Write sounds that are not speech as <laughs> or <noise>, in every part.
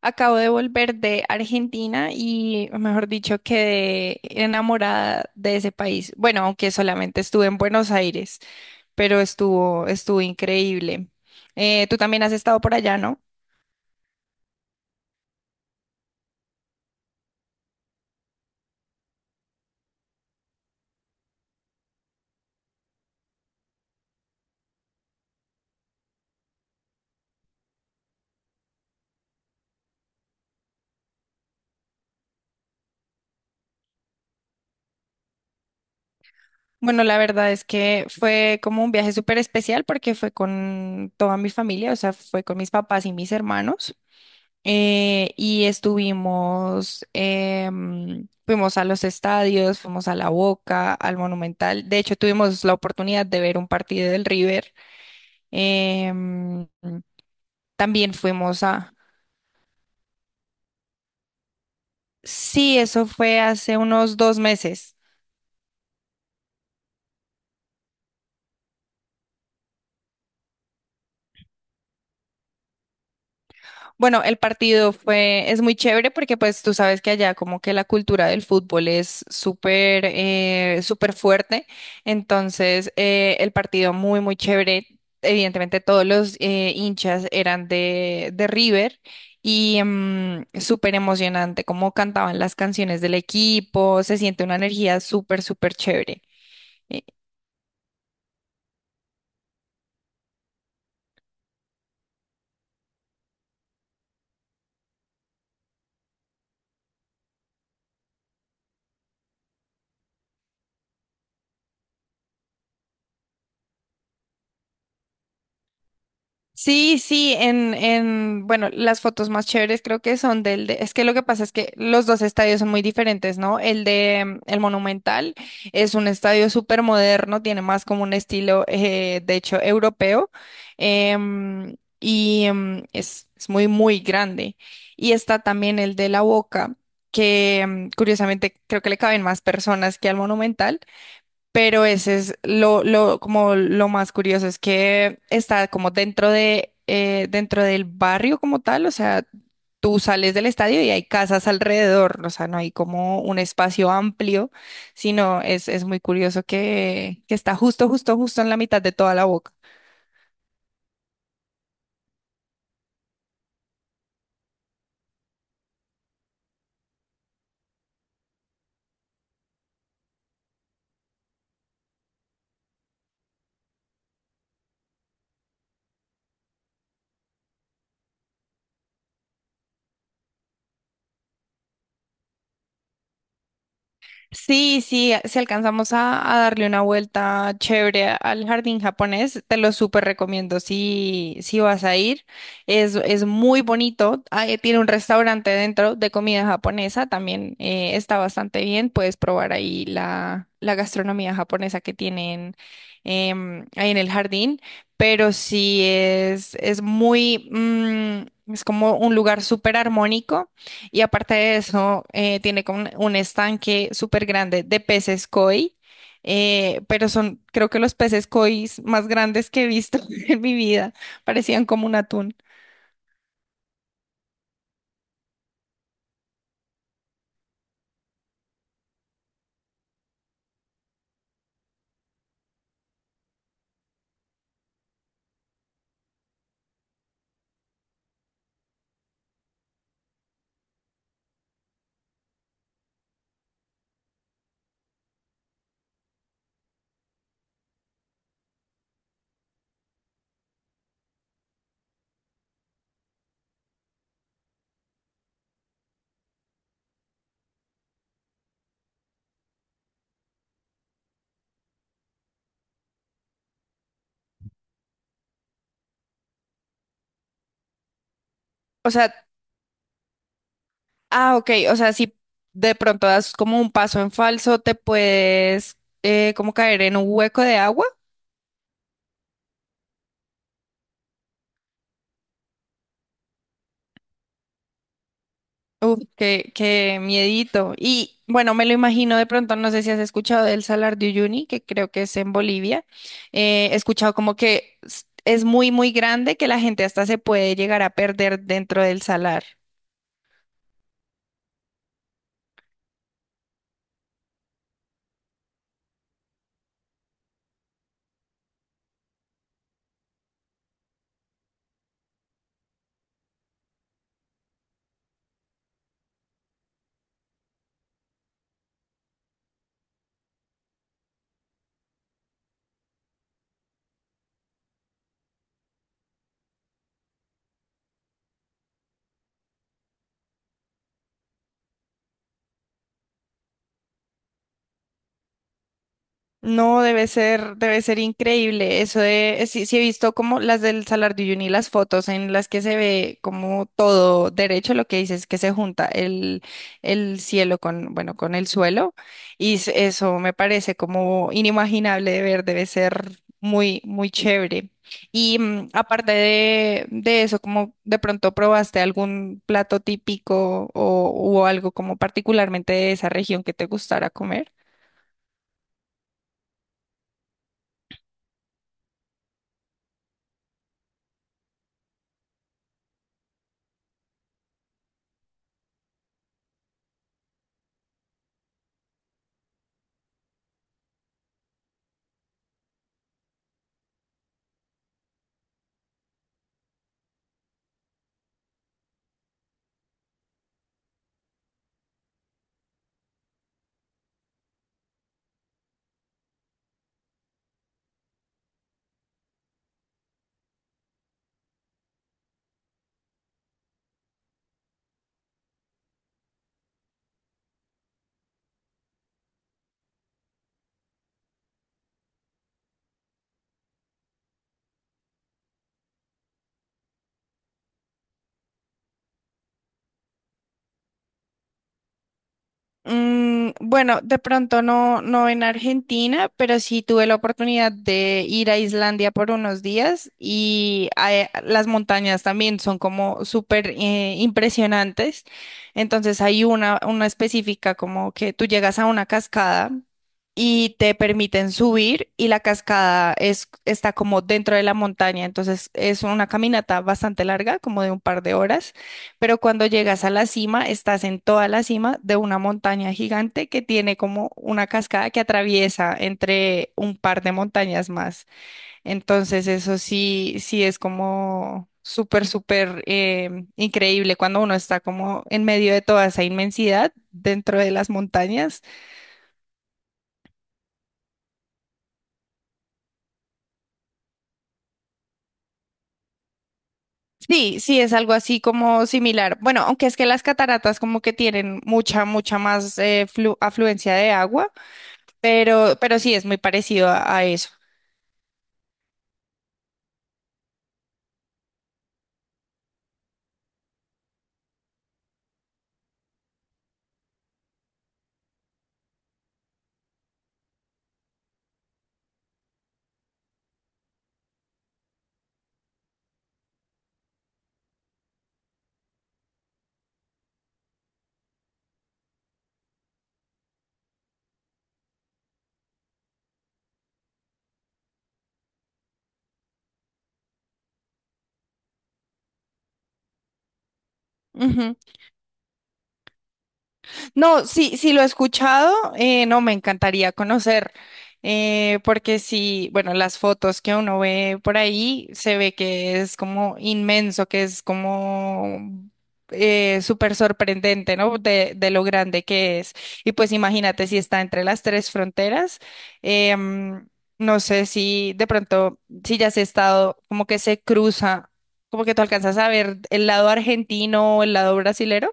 Acabo de volver de Argentina y, mejor dicho, quedé enamorada de ese país. Bueno, aunque solamente estuve en Buenos Aires, pero estuvo increíble. Tú también has estado por allá, ¿no? Bueno, la verdad es que fue como un viaje súper especial porque fue con toda mi familia, o sea, fue con mis papás y mis hermanos. Y estuvimos, fuimos a los estadios, fuimos a La Boca, al Monumental. De hecho, tuvimos la oportunidad de ver un partido del River. Em, También fuimos a... Sí, eso fue hace unos dos meses. Bueno, el partido fue, es muy chévere porque pues tú sabes que allá como que la cultura del fútbol es súper, súper fuerte. Entonces, el partido muy, muy chévere. Evidentemente todos los hinchas eran de River y súper emocionante como cantaban las canciones del equipo. Se siente una energía súper, súper chévere. Sí, sí, bueno, las fotos más chéveres creo que son del de, es que lo que pasa es que los dos estadios son muy diferentes, ¿no? El de, el Monumental es un estadio súper moderno, tiene más como un estilo, de hecho, europeo, em, y es muy, muy grande. Y está también el de La Boca, que curiosamente creo que le caben más personas que al Monumental, pero ese es lo, como lo más curioso, es que está como dentro de, dentro del barrio como tal, o sea, tú sales del estadio y hay casas alrededor, o sea, no hay como un espacio amplio, sino es muy curioso que está justo, justo, justo en la mitad de toda la boca. Sí, sí, si alcanzamos a darle una vuelta chévere al jardín japonés, te lo súper recomiendo si, si vas a ir. Es muy bonito, ah, tiene un restaurante dentro de comida japonesa, también está bastante bien, puedes probar ahí la gastronomía japonesa que tienen ahí en el jardín, pero sí es muy, es como un lugar súper armónico. Y aparte de eso, tiene como un estanque súper grande de peces koi, pero son, creo que los peces koi más grandes que he visto <laughs> en mi vida, parecían como un atún. O sea, ah, ok, o sea, si de pronto das como un paso en falso, te puedes como caer en un hueco de agua. Uf, qué, qué miedito. Y bueno, me lo imagino de pronto, no sé si has escuchado del Salar de Uyuni, que creo que es en Bolivia. He escuchado como que es muy, muy grande, que la gente hasta se puede llegar a perder dentro del salar. No, debe ser increíble. Eso de, sí, sí he visto como las del Salar de Uyuni, las fotos en las que se ve como todo derecho, lo que dices que se junta el cielo con, bueno, con el suelo. Y eso me parece como inimaginable de ver, debe ser muy, muy chévere. Y aparte de eso, ¿como de pronto probaste algún plato típico o algo como particularmente de esa región que te gustara comer? Bueno, de pronto no, no en Argentina, pero sí tuve la oportunidad de ir a Islandia por unos días y las montañas también son como súper impresionantes. Entonces hay una específica como que tú llegas a una cascada y te permiten subir y la cascada es, está como dentro de la montaña. Entonces es una caminata bastante larga, como de un par de horas, pero cuando llegas a la cima, estás en toda la cima de una montaña gigante que tiene como una cascada que atraviesa entre un par de montañas más. Entonces, eso sí, sí es como súper, súper increíble cuando uno está como en medio de toda esa inmensidad dentro de las montañas. Sí, sí, es algo así como similar. Bueno, aunque es que las cataratas como que tienen mucha, mucha más afluencia de agua, pero sí es muy parecido a eso. Ujú. No, sí, sí lo he escuchado, no, me encantaría conocer, porque sí, bueno, las fotos que uno ve por ahí se ve que es como inmenso, que es como súper sorprendente, ¿no? De lo grande que es. Y pues imagínate si está entre las tres fronteras. em, no sé si de pronto, si ya has estado, como que se cruza, como que tú alcanzas a ver el lado argentino o el lado brasilero.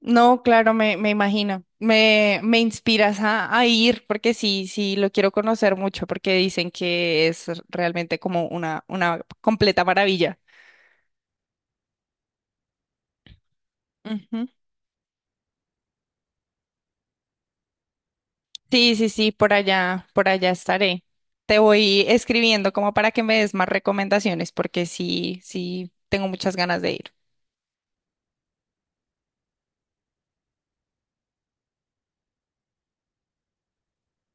No, claro, me imagino. Me inspiras a ir porque sí, sí, lo quiero conocer mucho porque dicen que es realmente como una completa maravilla. Ujú. Sí, sí, sí, por allá estaré. Te voy escribiendo como para que me des más recomendaciones porque sí, sí, tengo muchas ganas de ir.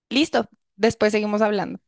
Listo, después seguimos hablando.